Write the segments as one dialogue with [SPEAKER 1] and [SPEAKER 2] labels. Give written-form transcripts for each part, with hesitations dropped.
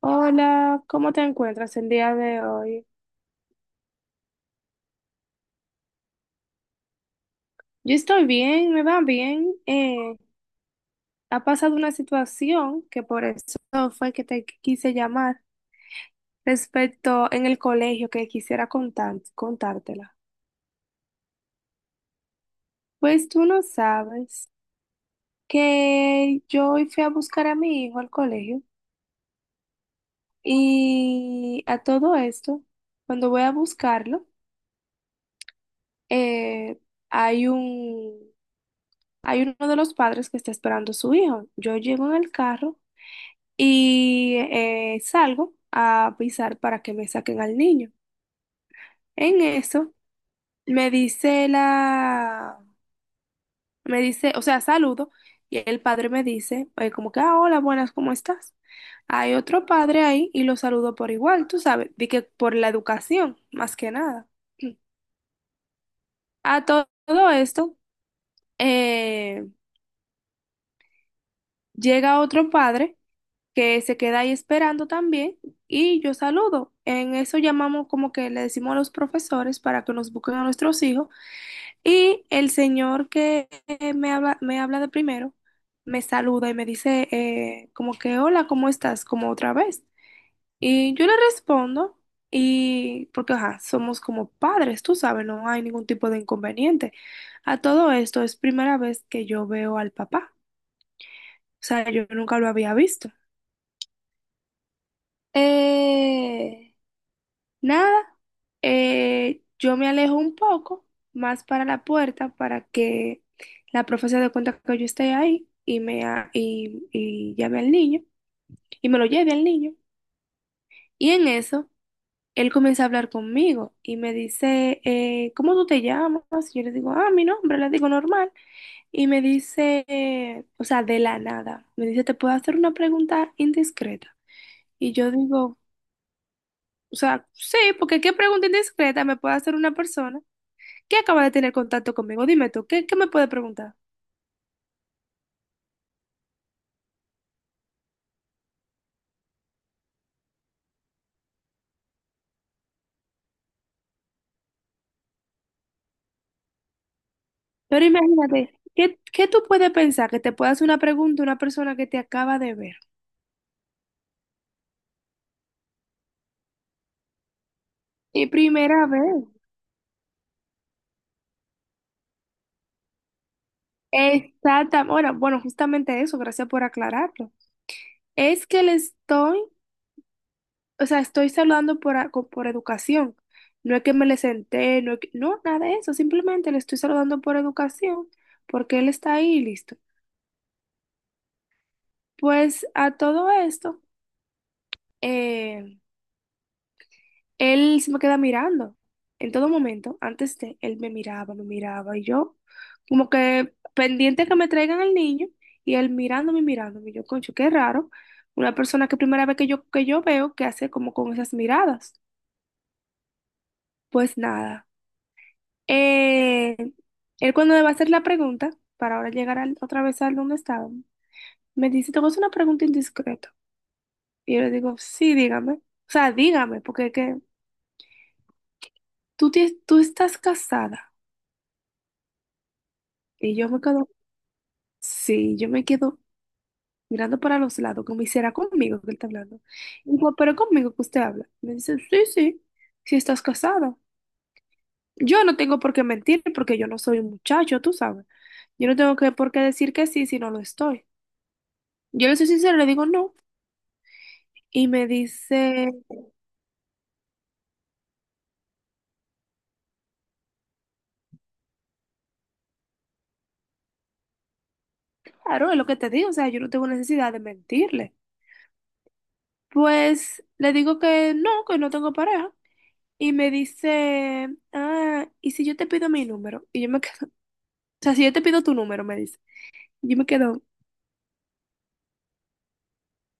[SPEAKER 1] Hola, ¿cómo te encuentras el día de hoy? Yo estoy bien, me va bien. Ha pasado una situación que por eso fue que te quise llamar respecto en el colegio que quisiera contártela. Pues tú no sabes que yo hoy fui a buscar a mi hijo al colegio y a todo esto, cuando voy a buscarlo, eh, hay un, hay uno de los padres que está esperando a su hijo. Yo llego en el carro y salgo a pisar para que me saquen al niño. En eso me dice la, me dice, o sea, saludo y el padre me dice, como que, ah, hola, buenas, ¿cómo estás? Hay otro padre ahí y lo saludo por igual, tú sabes, di que por la educación, más que nada. Todo esto, eh, llega otro padre que se queda ahí esperando también y yo saludo. En eso llamamos como que le decimos a los profesores para que nos busquen a nuestros hijos y el señor que me habla de primero, me saluda y me dice, como que hola, ¿cómo estás? Como otra vez. Y yo le respondo y porque ajá, somos como padres, tú sabes, no hay ningún tipo de inconveniente. A todo esto es primera vez que yo veo al papá, o sea, yo nunca lo había visto. Eh, Nada, yo me alejo un poco más para la puerta para que la profe se dé cuenta que yo estoy ahí y, y llame al niño y me lo lleve al niño. Y en eso, él comienza a hablar conmigo y me dice, ¿cómo tú te llamas? Y yo le digo, ah, mi nombre, le digo normal. Y me dice, o sea, de la nada, me dice, ¿te puedo hacer una pregunta indiscreta? Y yo digo, o sea, sí, porque qué pregunta indiscreta me puede hacer una persona que acaba de tener contacto conmigo. Dime tú, ¿qué me puede preguntar? Pero imagínate, ¿qué tú puedes pensar que te pueda hacer una pregunta una persona que te acaba de ver? Y primera vez. Exactamente. Bueno, bueno, justamente eso, gracias por aclararlo. Es que le estoy, o sea, estoy saludando por, por educación. No es que me le senté, no, no, nada de eso, simplemente le estoy saludando por educación, porque él está ahí y listo. Pues a todo esto, eh, él se me queda mirando en todo momento. Antes de él me miraba y yo como que pendiente a que me traigan al niño y él mirándome, mirándome. Y yo, concho, qué raro. Una persona que primera vez que que yo veo que hace como con esas miradas. Pues nada. Eh, él cuando me va a hacer la pregunta, para ahora llegar otra vez al donde estaba, me dice, te voy a hacer una pregunta indiscreta. Y yo le digo, sí, dígame. O sea, dígame, porque es que tú estás casada. Y yo me quedo. Sí, yo me quedo mirando para los lados, como hiciera conmigo que él está hablando. Y digo, pero conmigo que usted habla. Me dice, sí, si estás casada. Yo no tengo por qué mentir porque yo no soy un muchacho, tú sabes. Yo no tengo por qué decir que sí si no lo estoy. Yo le soy sincera, le digo no. Y me dice, claro, es lo que te digo, o sea, yo no tengo necesidad de mentirle. Pues le digo que no tengo pareja. Y me dice, ah, ¿y si yo te pido mi número? Y yo me quedo, o sea, si yo te pido tu número, me dice. Yo me quedo, o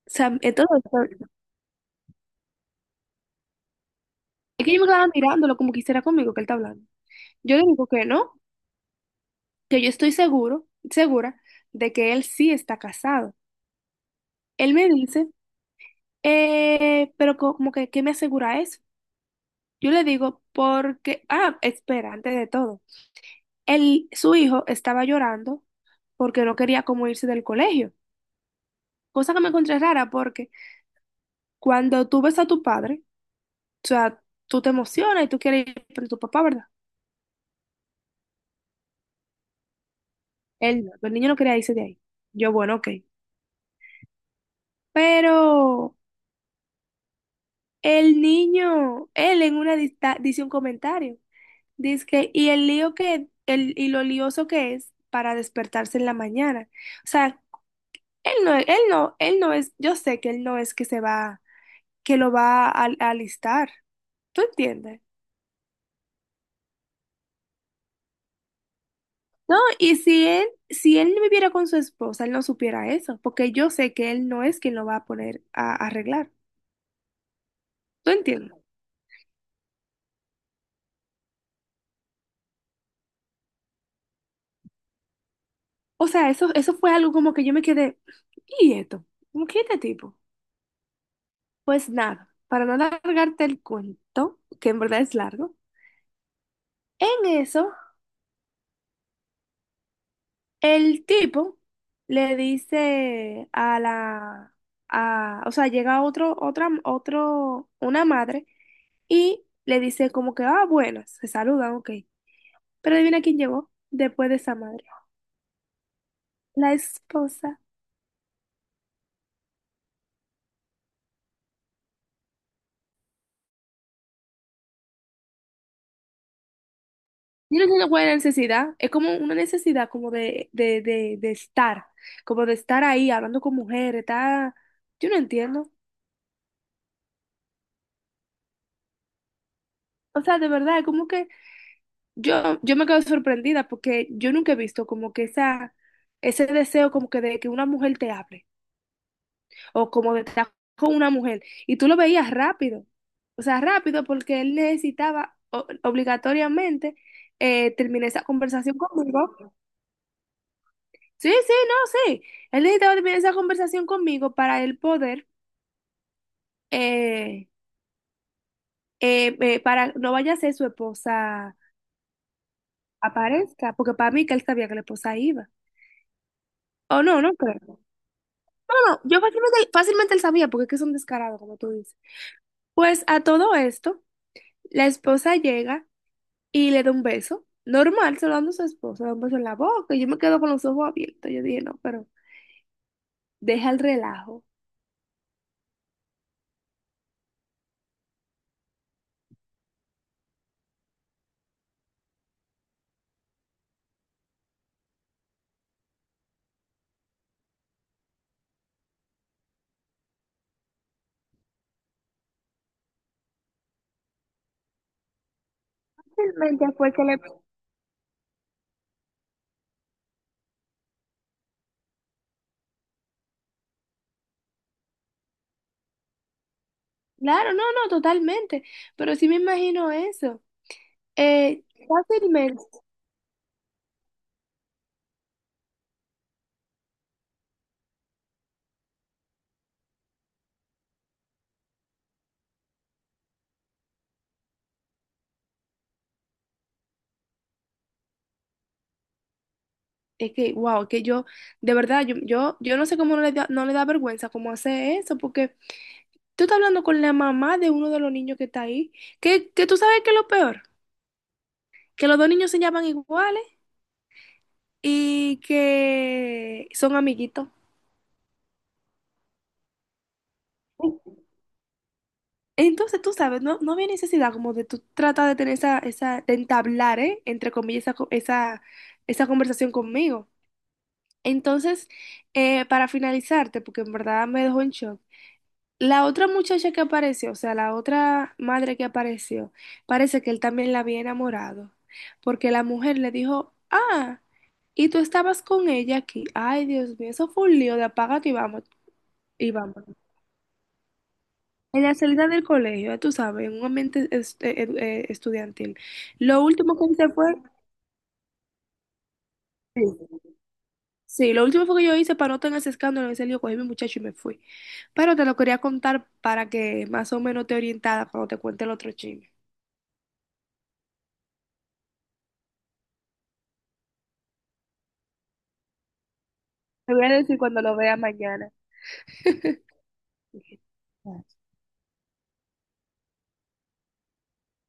[SPEAKER 1] sea, en todo es que yo me quedaba mirándolo como quisiera conmigo que él está hablando. Yo le digo que no, que yo estoy segura de que él sí está casado. Él me dice, pero como que, ¿qué me asegura eso? Yo le digo, porque, ah, espera, antes de todo, su hijo estaba llorando porque no quería como irse del colegio, cosa que me encontré rara porque cuando tú ves a tu padre, o sea, tú te emocionas y tú quieres ir con tu papá, ¿verdad? Él no, el niño no quería irse de ahí. Yo, bueno, ok. Pero el niño, él en una dice un comentario. Dice y lo lioso que es para despertarse en la mañana. O sea, él no es, yo sé que él no es que se va, que lo va a alistar. ¿Tú entiendes? No, y si él, si él no viviera con su esposa, él no supiera eso, porque yo sé que él no es quien lo va a poner a arreglar. ¿Tú entiendes? O sea, eso fue algo como que yo me quedé, ¿y esto? ¿Cómo que este tipo? Pues nada, para no alargarte el cuento, que en verdad es largo, en eso el tipo le dice o sea, llega otro, una madre y le dice como que, ah, bueno, se saludan, ok. Pero adivina quién llegó después de esa madre, la esposa. Yo no entiendo cuál es una buena necesidad, es como una necesidad como de estar, como de estar ahí hablando con mujeres, está, yo no entiendo. O sea, de verdad, es como que yo me quedo sorprendida porque yo nunca he visto como que ese deseo como que de que una mujer te hable, o como de estar con una mujer, y tú lo veías rápido, o sea, rápido porque él necesitaba obligatoriamente terminar esa conversación conmigo. Sí, sí, no, sí. Él necesitaba tener esa conversación conmigo para él poder, eh, para no vaya a ser su esposa aparezca, porque para mí que él sabía que la esposa iba. O no, no creo. No, no, yo fácilmente, fácilmente él sabía, porque es que es un descarado, como tú dices. Pues a todo esto, la esposa llega y le da un beso. Normal, se lo dando a su esposa, le da un beso en la boca. Y yo me quedo con los ojos abiertos. Yo dije, no, pero deja el relajo. Realmente fue que le... Claro, no, no, totalmente. Pero sí me imagino eso. Eh, fácilmente, es que, wow, que de verdad, yo no sé cómo no le da, no le da vergüenza cómo hacer eso, porque tú estás hablando con la mamá de uno de los niños que está ahí, que tú sabes que es lo peor, que los dos niños se llaman iguales y que son amiguitos. Entonces, tú sabes, no, no había necesidad como de tú tratar de tener de entablar, ¿eh? Entre comillas, esa conversación conmigo. Entonces, para finalizarte, porque en verdad me dejó en shock, la otra muchacha que apareció, o sea, la otra madre que apareció, parece que él también la había enamorado, porque la mujer le dijo, ah, y tú estabas con ella aquí. Ay, Dios mío, eso fue un lío de apágate y vamos, y vamos. En la salida del colegio, tú sabes, en un ambiente estudiantil. Lo último que hice fue... Sí. Sí, lo último fue que yo hice para no tener ese escándalo, en ese lío, cogí a mi muchacho y me fui. Pero te lo quería contar para que más o menos te orientara cuando te cuente el otro chisme. Te voy a decir cuando lo vea mañana. Dije, ah.